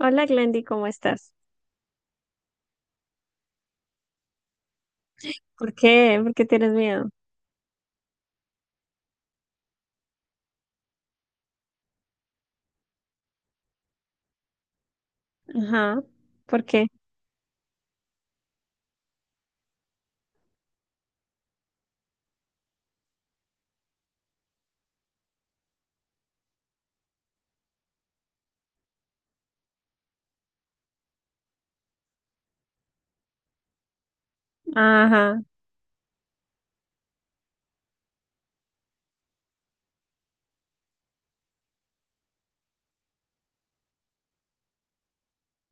Hola Glendy, ¿cómo estás? ¿Por qué? ¿Por qué tienes miedo? Ajá. ¿Por qué? Ajá.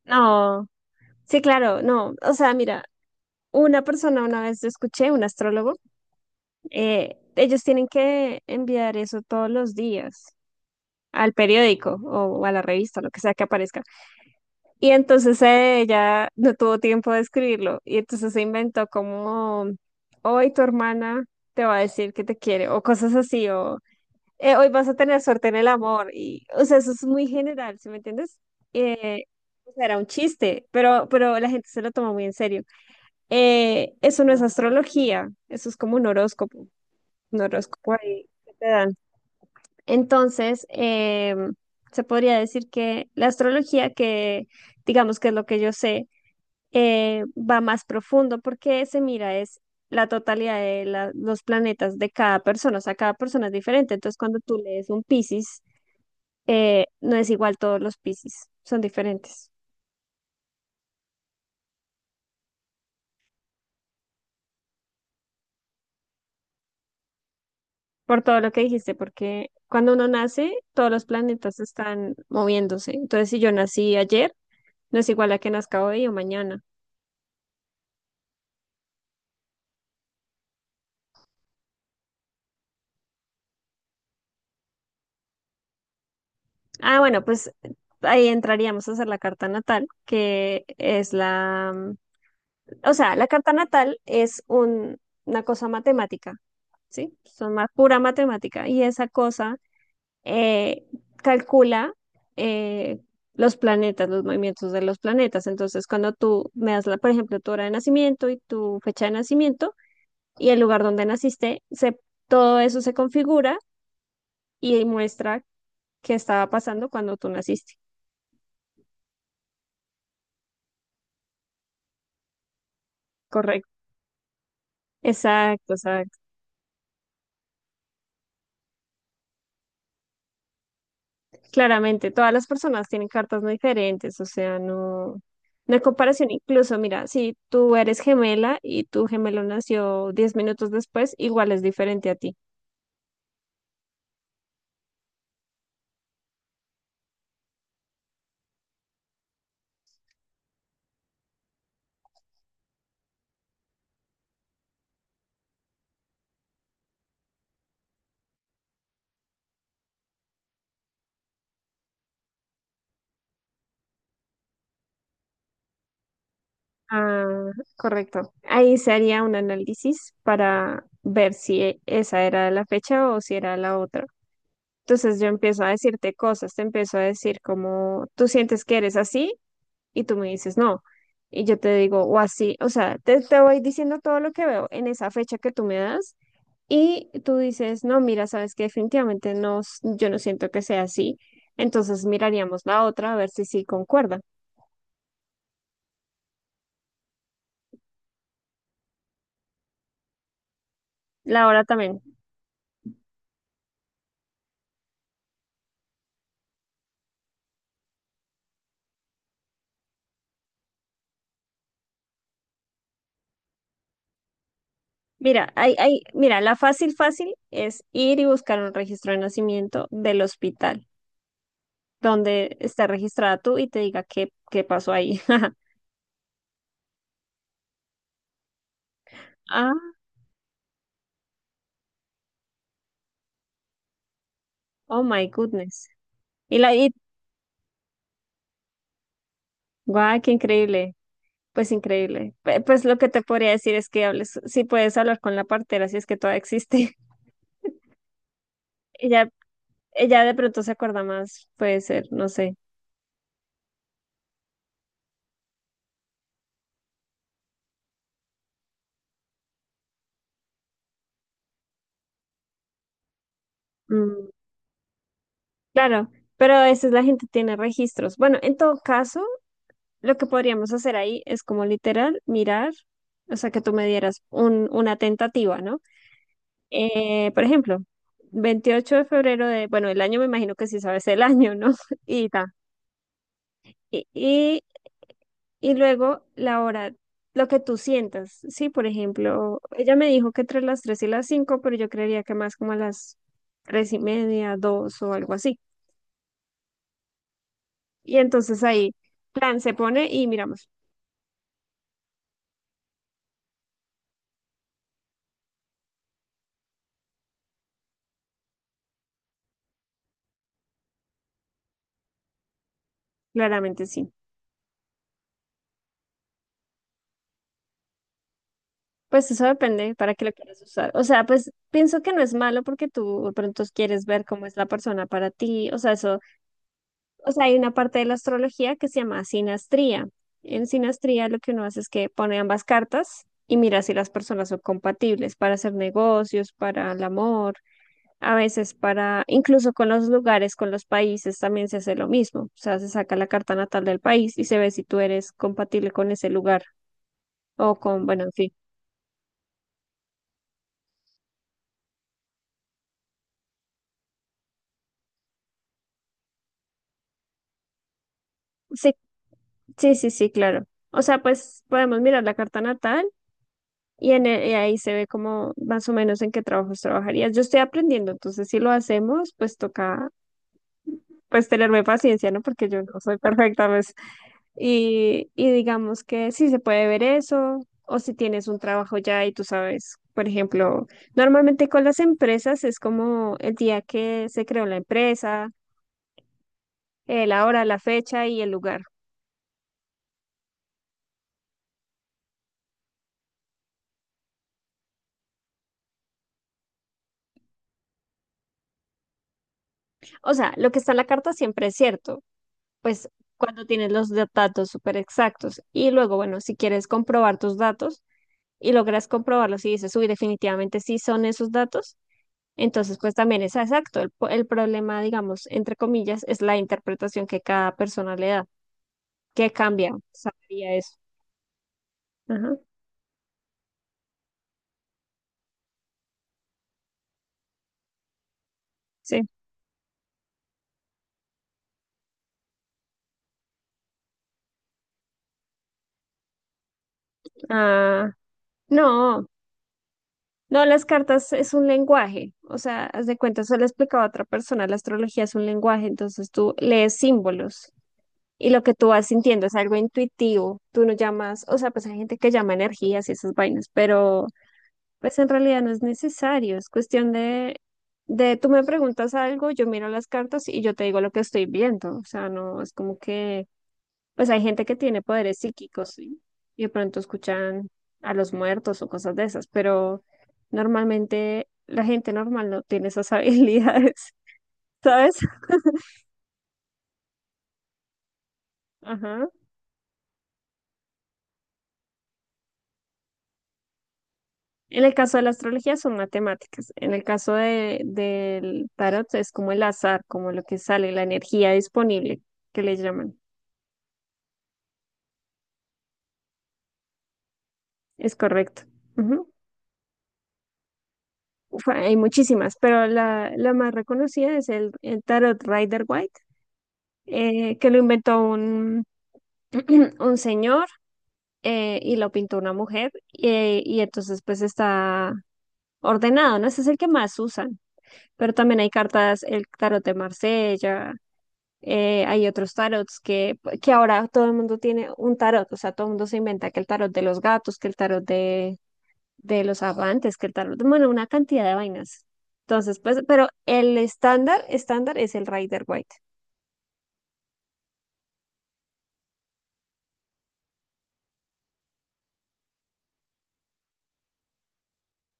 No. Sí, claro, no. O sea, mira, una persona una vez yo escuché, un astrólogo, ellos tienen que enviar eso todos los días al periódico o, a la revista, lo que sea que aparezca. Y entonces ella no tuvo tiempo de escribirlo y entonces se inventó como, hoy tu hermana te va a decir que te quiere o cosas así o hoy vas a tener suerte en el amor. Y, o sea, eso es muy general, ¿sí me entiendes? Eh, o sea, era un chiste, pero la gente se lo toma muy en serio. Eso no es astrología, eso es como un horóscopo ahí que te dan. Entonces, se podría decir que la astrología, que digamos que es lo que yo sé, va más profundo porque se mira es la totalidad de los planetas de cada persona, o sea, cada persona es diferente. Entonces, cuando tú lees un Piscis, no es igual todos los Piscis, son diferentes. Por todo lo que dijiste, porque cuando uno nace, todos los planetas están moviéndose. Entonces, si yo nací ayer, no es igual a que nazca hoy o mañana. Ah, bueno, pues ahí entraríamos a hacer la carta natal, que es la, o sea, la carta natal es una cosa matemática, ¿sí? Son más pura matemática y esa cosa eh, calcula eh, los planetas, los movimientos de los planetas. Entonces, cuando tú me das, la, por ejemplo, tu hora de nacimiento y tu fecha de nacimiento y el lugar donde naciste, se, todo eso se configura y muestra qué estaba pasando cuando tú naciste. Correcto. Exacto, exacto. Claramente, todas las personas tienen cartas muy diferentes, o sea, no, no hay comparación. Incluso, mira, si tú eres gemela y tu gemelo nació 10 minutos después, igual es diferente a ti. Ah, correcto. Ahí se haría un análisis para ver si esa era la fecha o si era la otra. Entonces yo empiezo a decirte cosas, te empiezo a decir como tú sientes que eres así y tú me dices no. Y yo te digo o así, o sea, te voy diciendo todo lo que veo en esa fecha que tú me das y tú dices, no, mira, sabes que definitivamente no, yo no siento que sea así. Entonces miraríamos la otra a ver si sí concuerda. La hora también. Mira, mira, la fácil, fácil es ir y buscar un registro de nacimiento del hospital donde está registrada tú y te diga qué pasó ahí. Ah, oh my goodness. Y, la, y Guau, qué increíble. Pues increíble. Pues lo que te podría decir es que hables, si puedes hablar con la partera, si es que todavía existe. Ella, ella de pronto se acuerda más, puede ser, no sé. Mm, claro, pero a veces la gente tiene registros. Bueno, en todo caso, lo que podríamos hacer ahí es como literal mirar, o sea, que tú me dieras un, una tentativa, ¿no? Por ejemplo, 28 de febrero de, bueno, el año me imagino que sí sabes el año, ¿no? Y ta. Y, y Y luego la hora, lo que tú sientas, sí, por ejemplo, ella me dijo que entre las 3 y las 5 pero yo creería que más como a las 3 y media, 2 o algo así. Y entonces ahí, plan se pone y miramos, claramente sí. Pues eso depende para qué lo quieras usar. O sea, pues pienso que no es malo porque tú de pronto quieres ver cómo es la persona para ti. O sea, eso. O sea, hay una parte de la astrología que se llama sinastría. En sinastría lo que uno hace es que pone ambas cartas y mira si las personas son compatibles para hacer negocios, para el amor, a veces para, incluso con los lugares, con los países también se hace lo mismo. O sea, se saca la carta natal del país y se ve si tú eres compatible con ese lugar o con, bueno, en fin. Sí, sí, claro. O sea, pues podemos mirar la carta natal. Y ahí se ve como más o menos en qué trabajos trabajarías. Yo estoy aprendiendo, entonces si lo hacemos, pues toca pues tenerme paciencia, ¿no? Porque yo no soy perfecta, pues. Y digamos que si se puede ver eso, o si tienes un trabajo ya y tú sabes, por ejemplo, normalmente con las empresas es como el día que se creó la empresa, la hora, la fecha y el lugar. O sea, lo que está en la carta siempre es cierto pues cuando tienes los datos súper exactos. Y luego, bueno, si quieres comprobar tus datos y logras comprobarlos y dices, uy, definitivamente sí son esos datos, entonces pues también es exacto. El problema, digamos, entre comillas, es la interpretación que cada persona le da, que cambia, sabría eso. Ajá, sí. Ah, no. No, las cartas es un lenguaje, o sea, haz de cuenta, se lo explicaba a otra persona, la astrología es un lenguaje, entonces tú lees símbolos. Y lo que tú vas sintiendo es algo intuitivo, tú no llamas, o sea, pues hay gente que llama energías y esas vainas, pero pues en realidad no es necesario, es cuestión de tú me preguntas algo, yo miro las cartas y yo te digo lo que estoy viendo, o sea, no es como que, pues hay gente que tiene poderes psíquicos, ¿sí? Y de pronto escuchan a los muertos o cosas de esas, pero normalmente la gente normal no tiene esas habilidades, ¿sabes? Ajá. En el caso de la astrología son matemáticas. En el caso de, del tarot es como el azar, como lo que sale, la energía disponible, que le llaman. Es correcto. Ujú. Uf, hay muchísimas, pero la más reconocida es el tarot Rider White, que lo inventó un, un señor y lo pintó una mujer. Y entonces pues está ordenado, ¿no? Ese es el que más usan. Pero también hay cartas, el tarot de Marsella, hay otros tarots que ahora todo el mundo tiene un tarot, o sea, todo el mundo se inventa que el tarot de los gatos, que el tarot de los amantes, que el tarot, bueno, una cantidad de vainas. Entonces, pues, pero el estándar, estándar es el Rider White.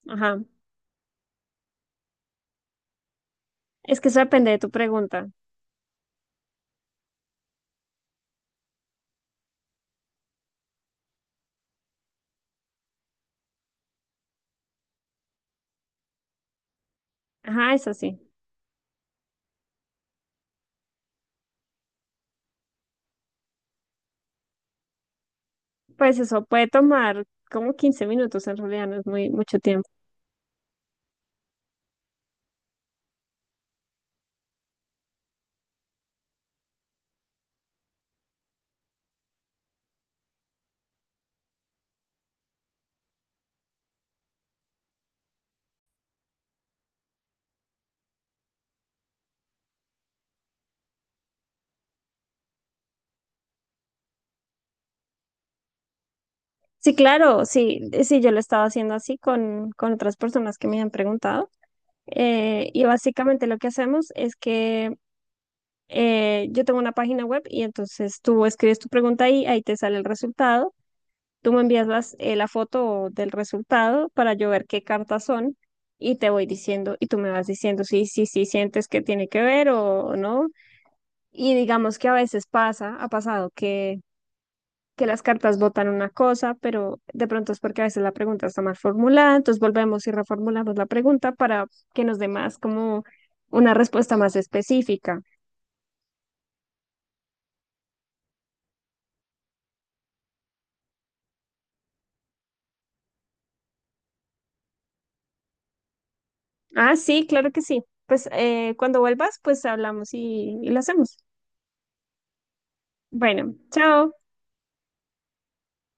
Ajá. Es que eso depende de tu pregunta. Ajá, es así. Pues eso puede tomar como 15 minutos, en realidad no es muy mucho tiempo. Sí, claro, sí, sí, yo lo he estado haciendo así con otras personas que me han preguntado. Y básicamente lo que hacemos es que yo tengo una página web y entonces tú escribes tu pregunta ahí, ahí te sale el resultado. Tú me envías la foto del resultado para yo ver qué cartas son y te voy diciendo y tú me vas diciendo si sí, sí, sientes que tiene que ver o no. Y digamos que a veces pasa, ha pasado que las cartas votan una cosa, pero de pronto es porque a veces la pregunta está mal formulada, entonces volvemos y reformulamos la pregunta para que nos dé más como una respuesta más específica. Ah, sí, claro que sí. Pues cuando vuelvas, pues hablamos y lo hacemos. Bueno, chao.